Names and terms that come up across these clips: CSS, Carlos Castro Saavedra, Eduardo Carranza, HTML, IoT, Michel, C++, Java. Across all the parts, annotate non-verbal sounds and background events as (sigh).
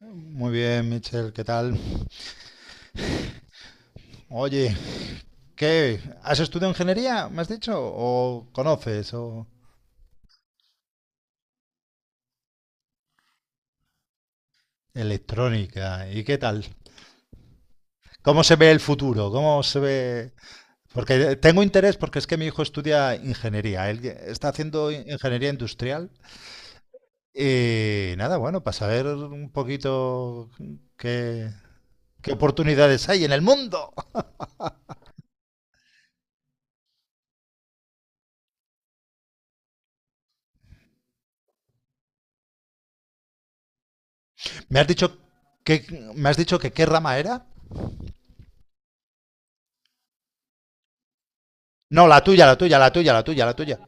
Muy bien, Michel, ¿qué tal? Oye, ¿qué? ¿Has estudiado ingeniería, me has dicho? ¿O conoces? ¿O electrónica? ¿Y qué tal? ¿Cómo se ve el futuro? ¿Cómo se ve? Porque tengo interés porque es que mi hijo estudia ingeniería. Él está haciendo ingeniería industrial. Y nada, bueno, para saber un poquito qué, qué oportunidades hay en el mundo. ¿Me has dicho que, me has dicho que qué rama era? No, la tuya, la tuya, la tuya, la tuya, la tuya.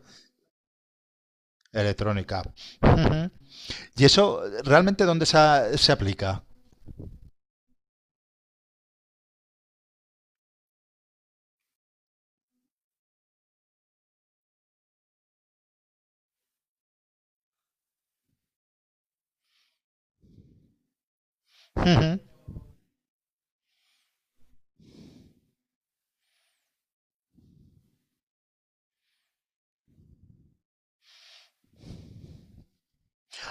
Electrónica. Ujú. ¿Y eso realmente dónde se, se aplica? Ujú.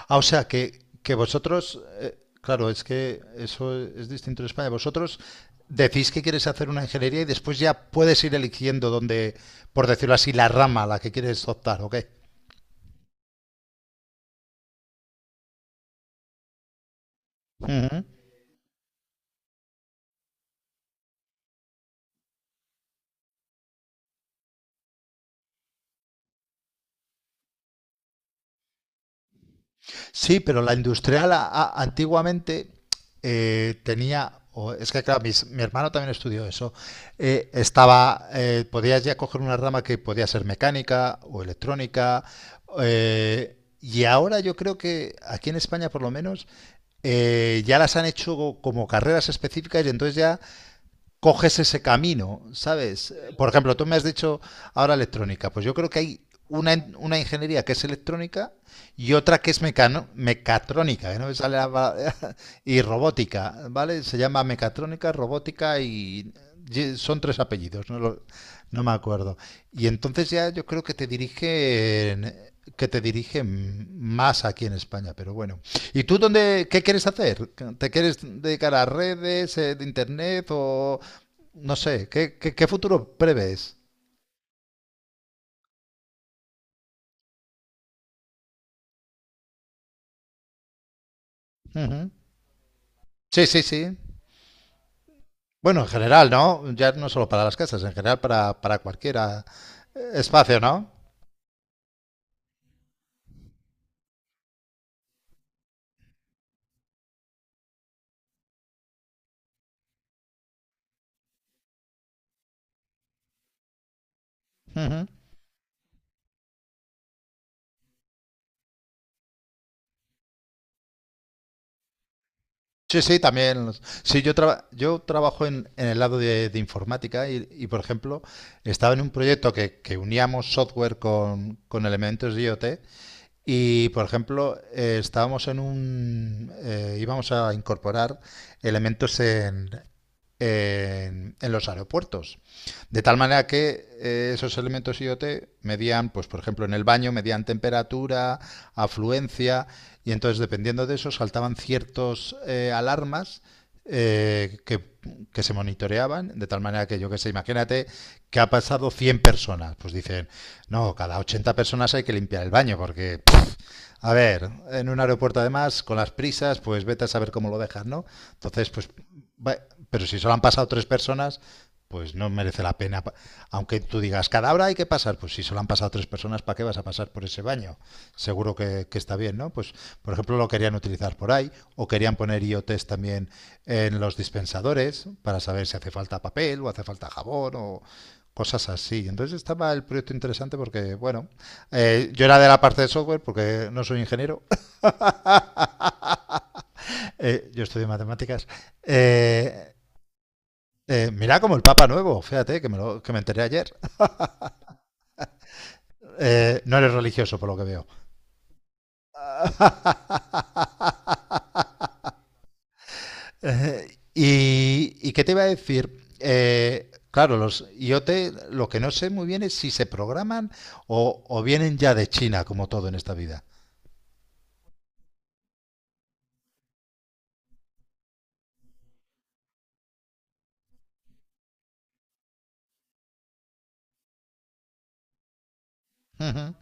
Ah, o sea, que vosotros, claro, es que eso es distinto en España. Vosotros decís que quieres hacer una ingeniería y después ya puedes ir eligiendo dónde, por decirlo así, la rama a la que quieres optar, ¿ok? Ujú. Sí, pero la industrial antiguamente tenía, o es que claro, mi hermano también estudió eso, estaba, podías ya coger una rama que podía ser mecánica o electrónica, y ahora yo creo que aquí en España por lo menos ya las han hecho como carreras específicas y entonces ya coges ese camino, ¿sabes? Por ejemplo, tú me has dicho ahora electrónica, pues yo creo que hay una, una ingeniería que es electrónica y otra que es mecatrónica, que no me sale la palabra, (laughs) y robótica, ¿vale? Se llama mecatrónica, robótica y son tres apellidos, no me acuerdo. Y entonces ya yo creo que te dirigen más aquí en España, pero bueno. ¿Y tú dónde, qué quieres hacer? ¿Te quieres dedicar a redes, de internet o, no sé, ¿qué, qué, qué futuro prevés? Ujú. Sí, sí, sí. Bueno, en general, ¿no? Ya no solo para las casas, en general para cualquier espacio, ¿no? Ujú. Sí, sí, también. Sí, yo, yo trabajo en el lado de informática y, por ejemplo, estaba en un proyecto que uníamos software con elementos de IoT. Y, por ejemplo, estábamos en un... íbamos a incorporar elementos en los aeropuertos. De tal manera que esos elementos IoT medían, pues, por ejemplo, en el baño, medían temperatura, afluencia, y entonces, dependiendo de eso, saltaban ciertos alarmas eh, que, que se monitoreaban, de tal manera que yo que sé, imagínate que ha pasado 100 personas, pues dicen, no, cada 80 personas hay que limpiar el baño porque a ver, en un aeropuerto además, con las prisas, pues vete a saber cómo lo dejas, ¿no? Entonces, pues, va- pero si solo han pasado tres personas, pues no merece la pena. Aunque tú digas, cada hora hay que pasar, pues si solo han pasado tres personas, ¿para qué vas a pasar por ese baño? Seguro que está bien, ¿no? Pues, por ejemplo, lo querían utilizar por ahí, o querían poner IoTs también en los dispensadores para saber si hace falta papel o hace falta jabón o cosas así. Entonces estaba el proyecto interesante porque, bueno, yo era de la parte de software porque no soy ingeniero, (laughs) yo estudio matemáticas. Eh, mira como el Papa nuevo, fíjate que me, lo, que me enteré ayer. No eres religioso por lo que veo. (laughs) Y, ¿y qué te iba a decir? Claro, los IoT, lo que no sé muy bien es si se programan o vienen ya de China, como todo en esta vida. Ujú.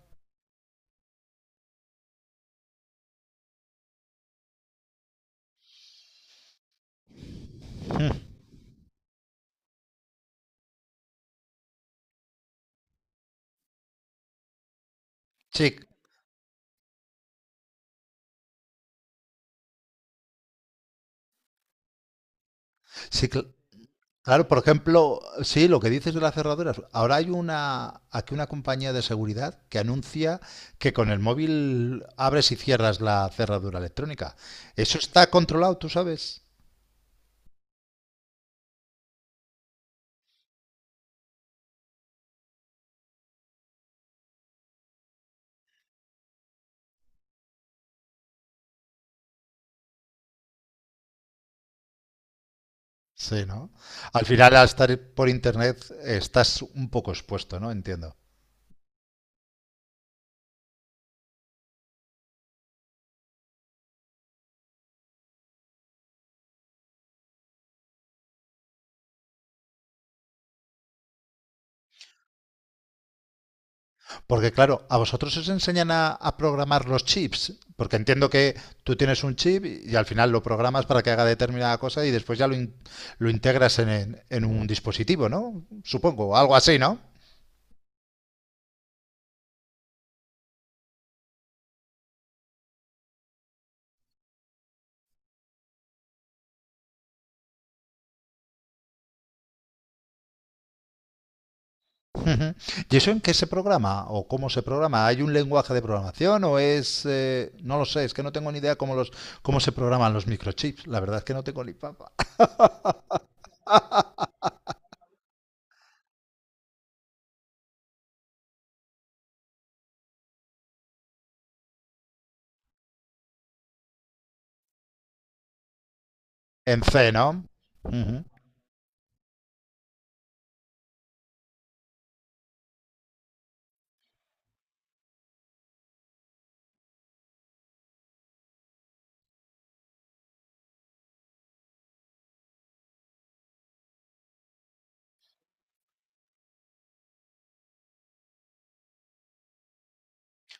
Mm. Sí, sí, claro, por ejemplo, sí, lo que dices de las cerraduras. Ahora hay una, aquí una compañía de seguridad que anuncia que con el móvil abres y cierras la cerradura electrónica. Eso está controlado, tú sabes. Sí, ¿no? Al final, al estar por internet, estás un poco expuesto, ¿no? Entiendo. Porque claro, a vosotros os enseñan a programar los chips, porque entiendo que tú tienes un chip y al final lo programas para que haga determinada cosa y después ya lo, lo integras en, en un dispositivo, ¿no? Supongo, algo así, ¿no? Ujú. ¿Y eso en qué se programa o cómo se programa? ¿Hay un lenguaje de programación o es... no lo sé, es que no tengo ni idea cómo, los, cómo se programan los microchips. La verdad es que no tengo ni papa. ¿En C, no? Ujú.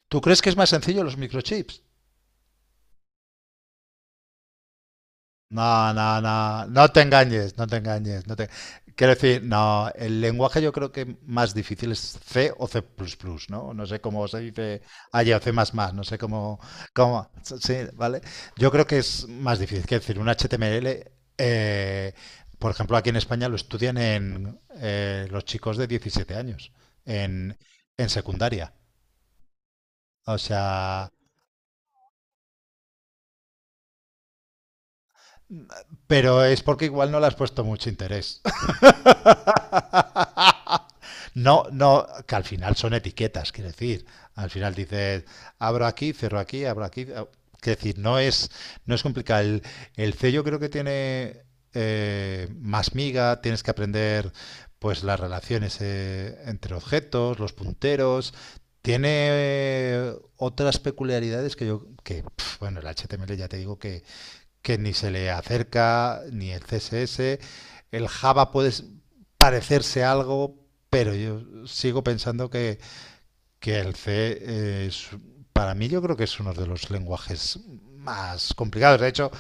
¿Tú crees que es más sencillo los microchips? No, no, no, no te engañes, no te engañes. No te... Quiero decir, no, el lenguaje yo creo que más difícil es C o C++, ¿no? No sé cómo se dice allá o C++, no sé cómo, cómo, sí, ¿vale? Yo creo que es más difícil, quiero decir, un HTML, eh, por ejemplo, aquí en España lo estudian en los chicos de 17 años, en, en secundaria, o sea, pero es porque igual no le has puesto mucho interés. No, no, que al final son etiquetas, quiero decir. Al final dices, abro aquí, cierro aquí, abro aquí. Quiero decir, no es, no es complicado. El C yo creo que tiene más miga, tienes que aprender pues las relaciones entre objetos, los punteros. Tiene otras peculiaridades que yo, que, pf, bueno, el HTML ya te digo que ni se le acerca, ni el CSS. El Java puede parecerse algo, pero yo sigo pensando que el C es, para mí yo creo que es uno de los lenguajes más complicados. De hecho,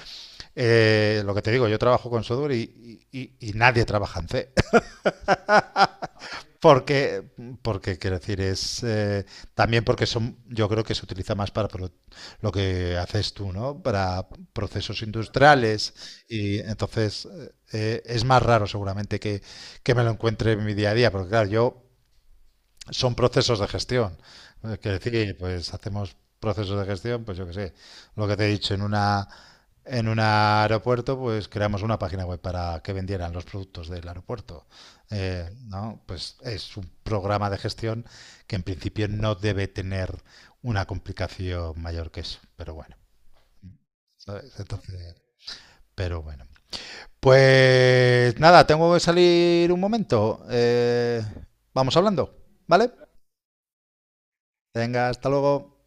lo que te digo, yo trabajo con software y nadie trabaja en C porque, porque quiero decir, es también porque son, yo creo que se utiliza más para lo que haces tú, ¿no? Para procesos industriales y entonces es más raro seguramente que me lo encuentre en mi día a día, porque claro, yo son procesos de gestión. Es que decir, pues hacemos procesos de gestión, pues yo qué sé, lo que te he dicho, en una en un aeropuerto, pues creamos una página web para que vendieran los productos del aeropuerto. ¿No? Pues es un programa de gestión que en principio no debe tener una complicación mayor que eso. Pero bueno, ¿sabes? Entonces, pero bueno. Pues nada, tengo que salir un momento. Vamos hablando, ¿vale? Venga, hasta luego.